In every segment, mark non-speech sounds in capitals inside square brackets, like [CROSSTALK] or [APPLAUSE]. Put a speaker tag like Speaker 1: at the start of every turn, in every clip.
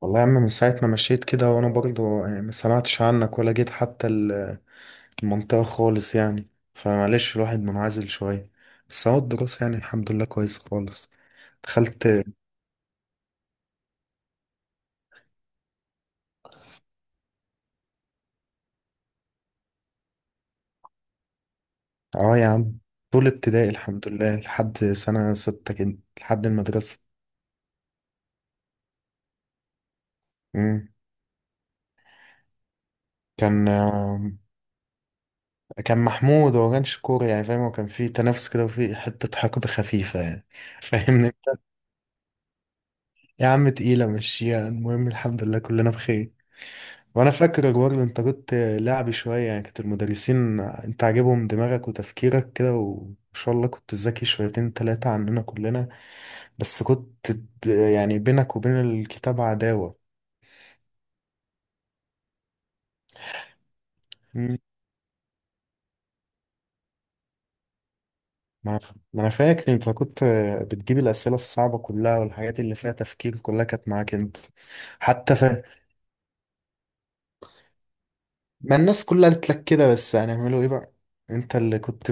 Speaker 1: والله يا عم من ساعة ما مشيت كده وانا برضه يعني ما سمعتش عنك ولا جيت حتى المنطقة خالص يعني فمعلش الواحد منعزل شوية. بس هو الدراسة يعني الحمد لله كويس خالص. دخلت. اه يا عم. طول ابتدائي الحمد لله لحد سنة 6 كده لحد المدرسة. مم. كان آه، كان محمود هو كانش كورة يعني فاهم، هو كان فيه تنافس كده وفيه حتة حقد خفيفة يعني [LAUGHS] فاهمني انت. يا عم تقيلة مشيها، المهم الحمد لله كلنا بخير. وانا فاكر اجوار الانترنت لعب شويه يعني، كانت المدرسين انت عاجبهم دماغك وتفكيرك كده وان شاء الله كنت ذكي شويتين تلاتة عننا كلنا. بس كنت يعني بينك وبين الكتاب عداوه. مم. ما انا ف- ما أنا فاكر انت كنت بتجيب الاسئله الصعبه كلها، والحاجات اللي فيها تفكير كلها كانت معاك انت. حتى ف... ما الناس كلها قالت لك كده، بس هنعمله ايه بقى؟ انت اللي كنت.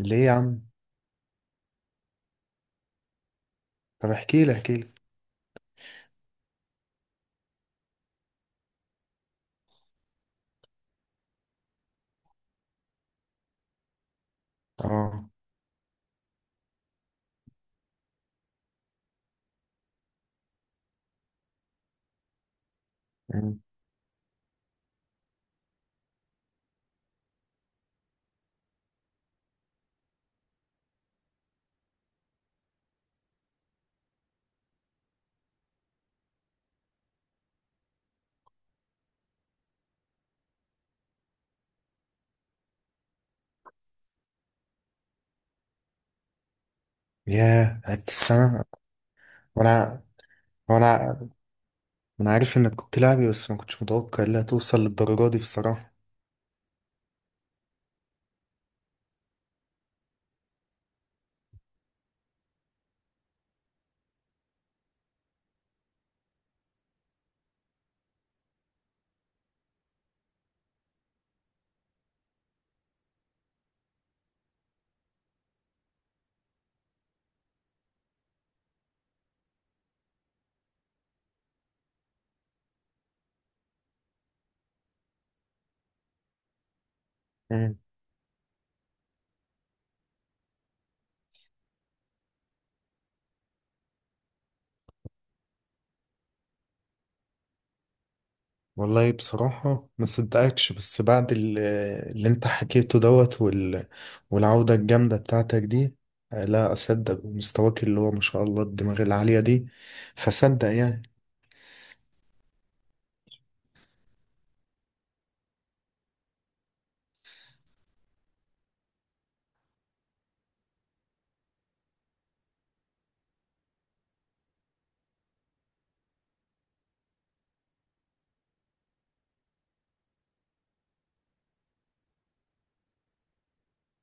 Speaker 1: ليه يا عم؟ طب احكي لي احكي لي. اه. مم. ياه قعدت السنه. وانا هو انا انا عارف انك كنت لاعبي، بس ما كنتش متوقع انها توصل للدرجه دي بصراحه. مم. والله بصراحه ما صدقكش، بس بعد اللي انت حكيته دوت والعوده الجامده بتاعتك دي، لا اصدق مستواك اللي هو ما شاء الله الدماغ العاليه دي، فصدق يعني.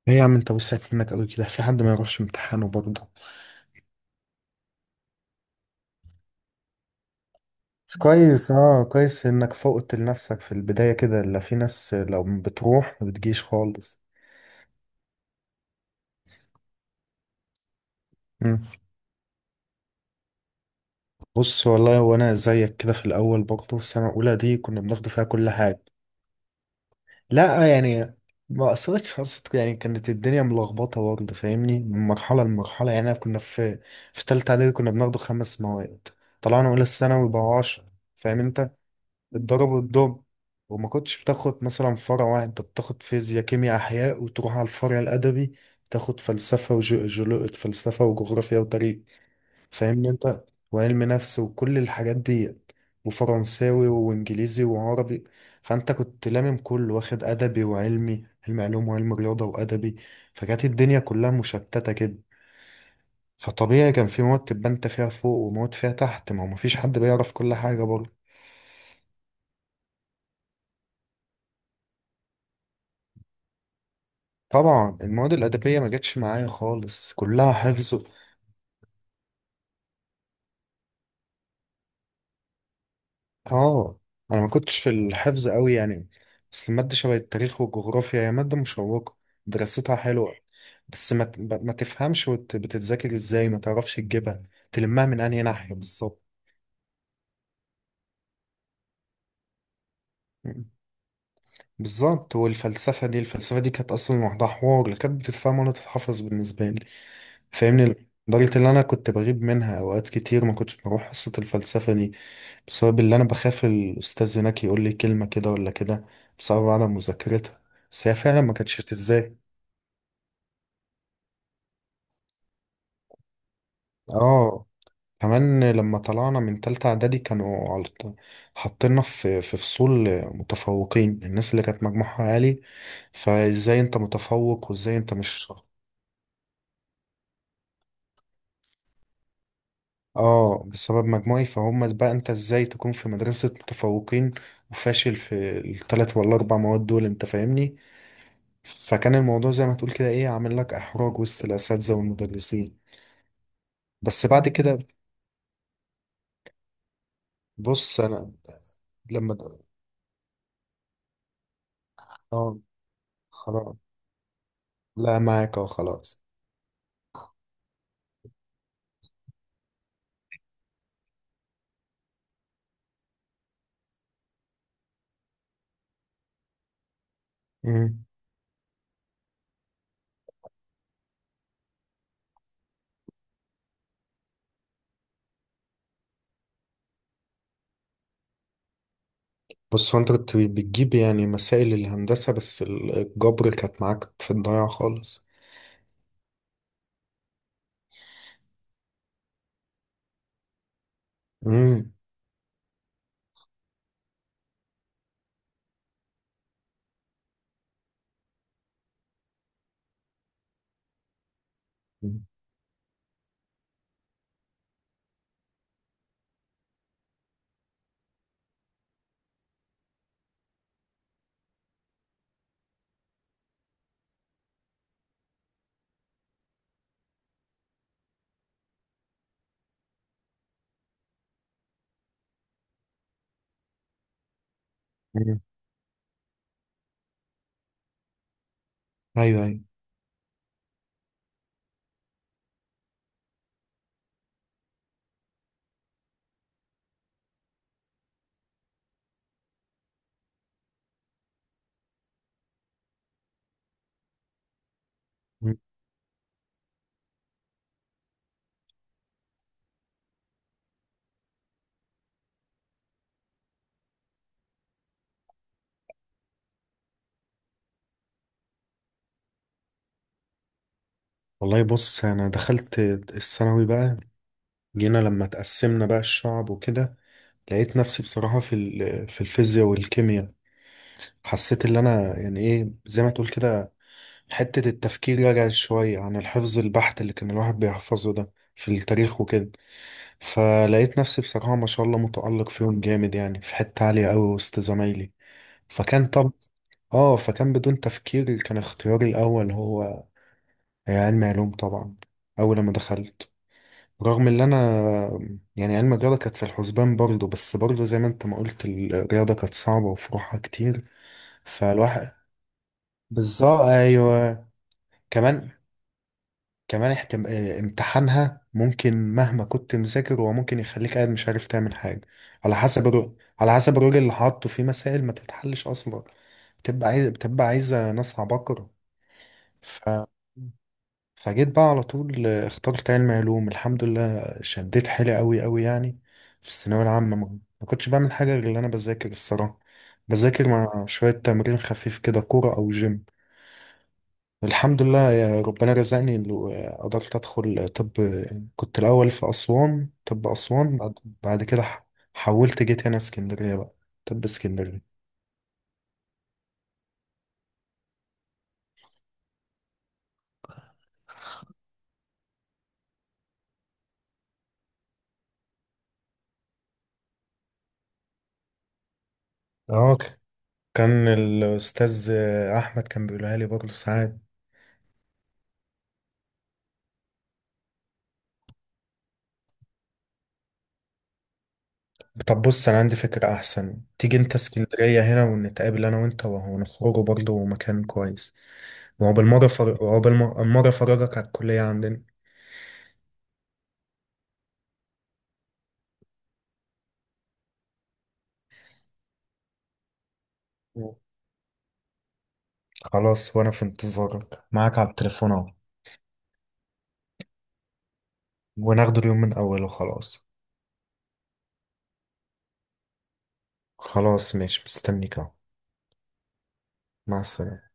Speaker 1: ايه يا عم انت وسعت منك قوي كده، في حد ما يروحش امتحانه برضه؟ بس كويس، اه كويس انك فوقت لنفسك في البدايه كده، لا في ناس لو بتروح ما بتجيش خالص. بص والله وانا زيك كده في الاول برضه، السنه الاولى دي كنا بناخد فيها كل حاجه. لا يعني ما اثرتش حصت يعني، كانت الدنيا ملخبطه برضه فاهمني، من مرحله لمرحله يعني. كنا في في ثالثه اعدادي كنا بناخد خمس مواد، طلعنا اولى ثانوي بقى 10. فاهم انت؟ الضرب والضرب. وما كنتش بتاخد مثلا فرع واحد، انت بتاخد فيزياء كيمياء احياء، وتروح على الفرع الادبي تاخد فلسفه وجغرافيا وتاريخ، فاهمني انت؟ وعلم نفس وكل الحاجات دي، وفرنساوي وانجليزي وعربي. فانت كنت لامم كله، واخد ادبي وعلمي، علم علوم وعلم رياضه وادبي. فكانت الدنيا كلها مشتته كده. فطبيعي كان في مواد تبقى انت فيها فوق ومواد فيها تحت، ما هو مفيش حد بيعرف كل حاجه برضه. طبعا المواد الادبيه ما جاتش معايا خالص، كلها حفظ. اه. انا ما كنتش في الحفظ قوي يعني. بس المادة شبه التاريخ والجغرافيا هي مادة مشوقة، دراستها حلوة. بس ما ت- ب- ما تفهمش بتتذاكر ازاي ما تعرفش تجيبها، تلمها من انهي ناحية بالظبط. مم. بالظبط. والفلسفة دي كانت أصلا لوحدها حوار، لا كانت بتتفهم ولا تتحفظ بالنسبة لي، فاهمني. لدرجة إن أنا كنت بغيب منها أوقات كتير، ما كنتش بروح حصة الفلسفة دي، بسبب اللي أنا بخاف الأستاذ هناك يقول لي كلمة كده ولا كده، بسبب عدم مذاكرتها. بس هي فعلا ما كانتش تتذاكر. اه. كمان لما طلعنا من تالتة إعدادي كانوا حاطيننا في فصول متفوقين، الناس اللي كانت مجموعها عالي. فازاي انت متفوق وازاي انت مش شاطر؟ اه بسبب مجموعي، فهم بقى انت ازاي تكون في مدرسة متفوقين وفاشل في التلات ولا أربع مواد دول، انت فاهمني؟ فكان الموضوع زي ما تقول كده ايه، عامل لك احراج وسط الاساتذه والمدرسين. بس بعد كده. بص انا. لما د- اه خلاص. لا معاك، اه خلاص. مم. بص هو انت كنت بتجيب يعني مسائل الهندسه، بس الجبر كانت معاك في الضياع خالص. امم. ايوه ايوه. مم. والله بص انا دخلت الثانوي بقى، جينا لما تقسمنا بقى الشعب وكده، لقيت نفسي بصراحه في الفيزياء والكيمياء، حسيت اللي انا يعني ايه زي ما تقول كده، حتة التفكير رجعت شوية عن الحفظ البحت اللي كان الواحد بيحفظه ده في التاريخ وكده. فلقيت نفسي بصراحة ما شاء الله متألق فيهم جامد يعني، في حتة عالية أوي وسط زمايلي. فكان طب، اه فكان بدون تفكير كان اختياري الأول هو علم علوم طبعا. أول لما دخلت، رغم ان انا يعني علم الرياضة كانت في الحسبان برضه، بس برضه زي ما انت ما قلت الرياضة كانت صعبة وفروعها كتير، فالواحد. بالظبط، ايوه. كمان كمان احتم... آه، امتحانها ممكن مهما كنت مذاكر، هو ممكن يخليك قاعد مش عارف تعمل حاجه، على حسب الر... على حسب الراجل اللي حاطه في مسائل ما تتحلش اصلا، بتبقى عايزه ناس عباقره. ف... فجيت بقى على طول، اخترت علم علوم الحمد لله، شديت حيلي قوي قوي يعني. في الثانويه العامه ما كنتش بعمل حاجه غير اللي انا بذاكر الصراحه، بذاكر مع شويه تمرين خفيف كده كوره او جيم. الحمد لله يا ربنا رزقني إنه قدرت أدخل طب، كنت الأول في أسوان. طب أسوان بعد كده حولت جيت هنا اسكندرية بقى، طب اسكندرية. اه كان الأستاذ أحمد كان بيقولها لي برضه ساعات. طب بص، أنا عندي فكرة أحسن، تيجي أنت اسكندرية هنا، ونتقابل أنا وأنت وهو، نخرجوا برضه مكان كويس، وهو بالمرة أفرجك على الكلية عندنا. خلاص وأنا في انتظارك معاك على التليفون أهو، وناخده اليوم من أوله. خلاص. خلاص ماشي مستنيك اهو. مع السلامة.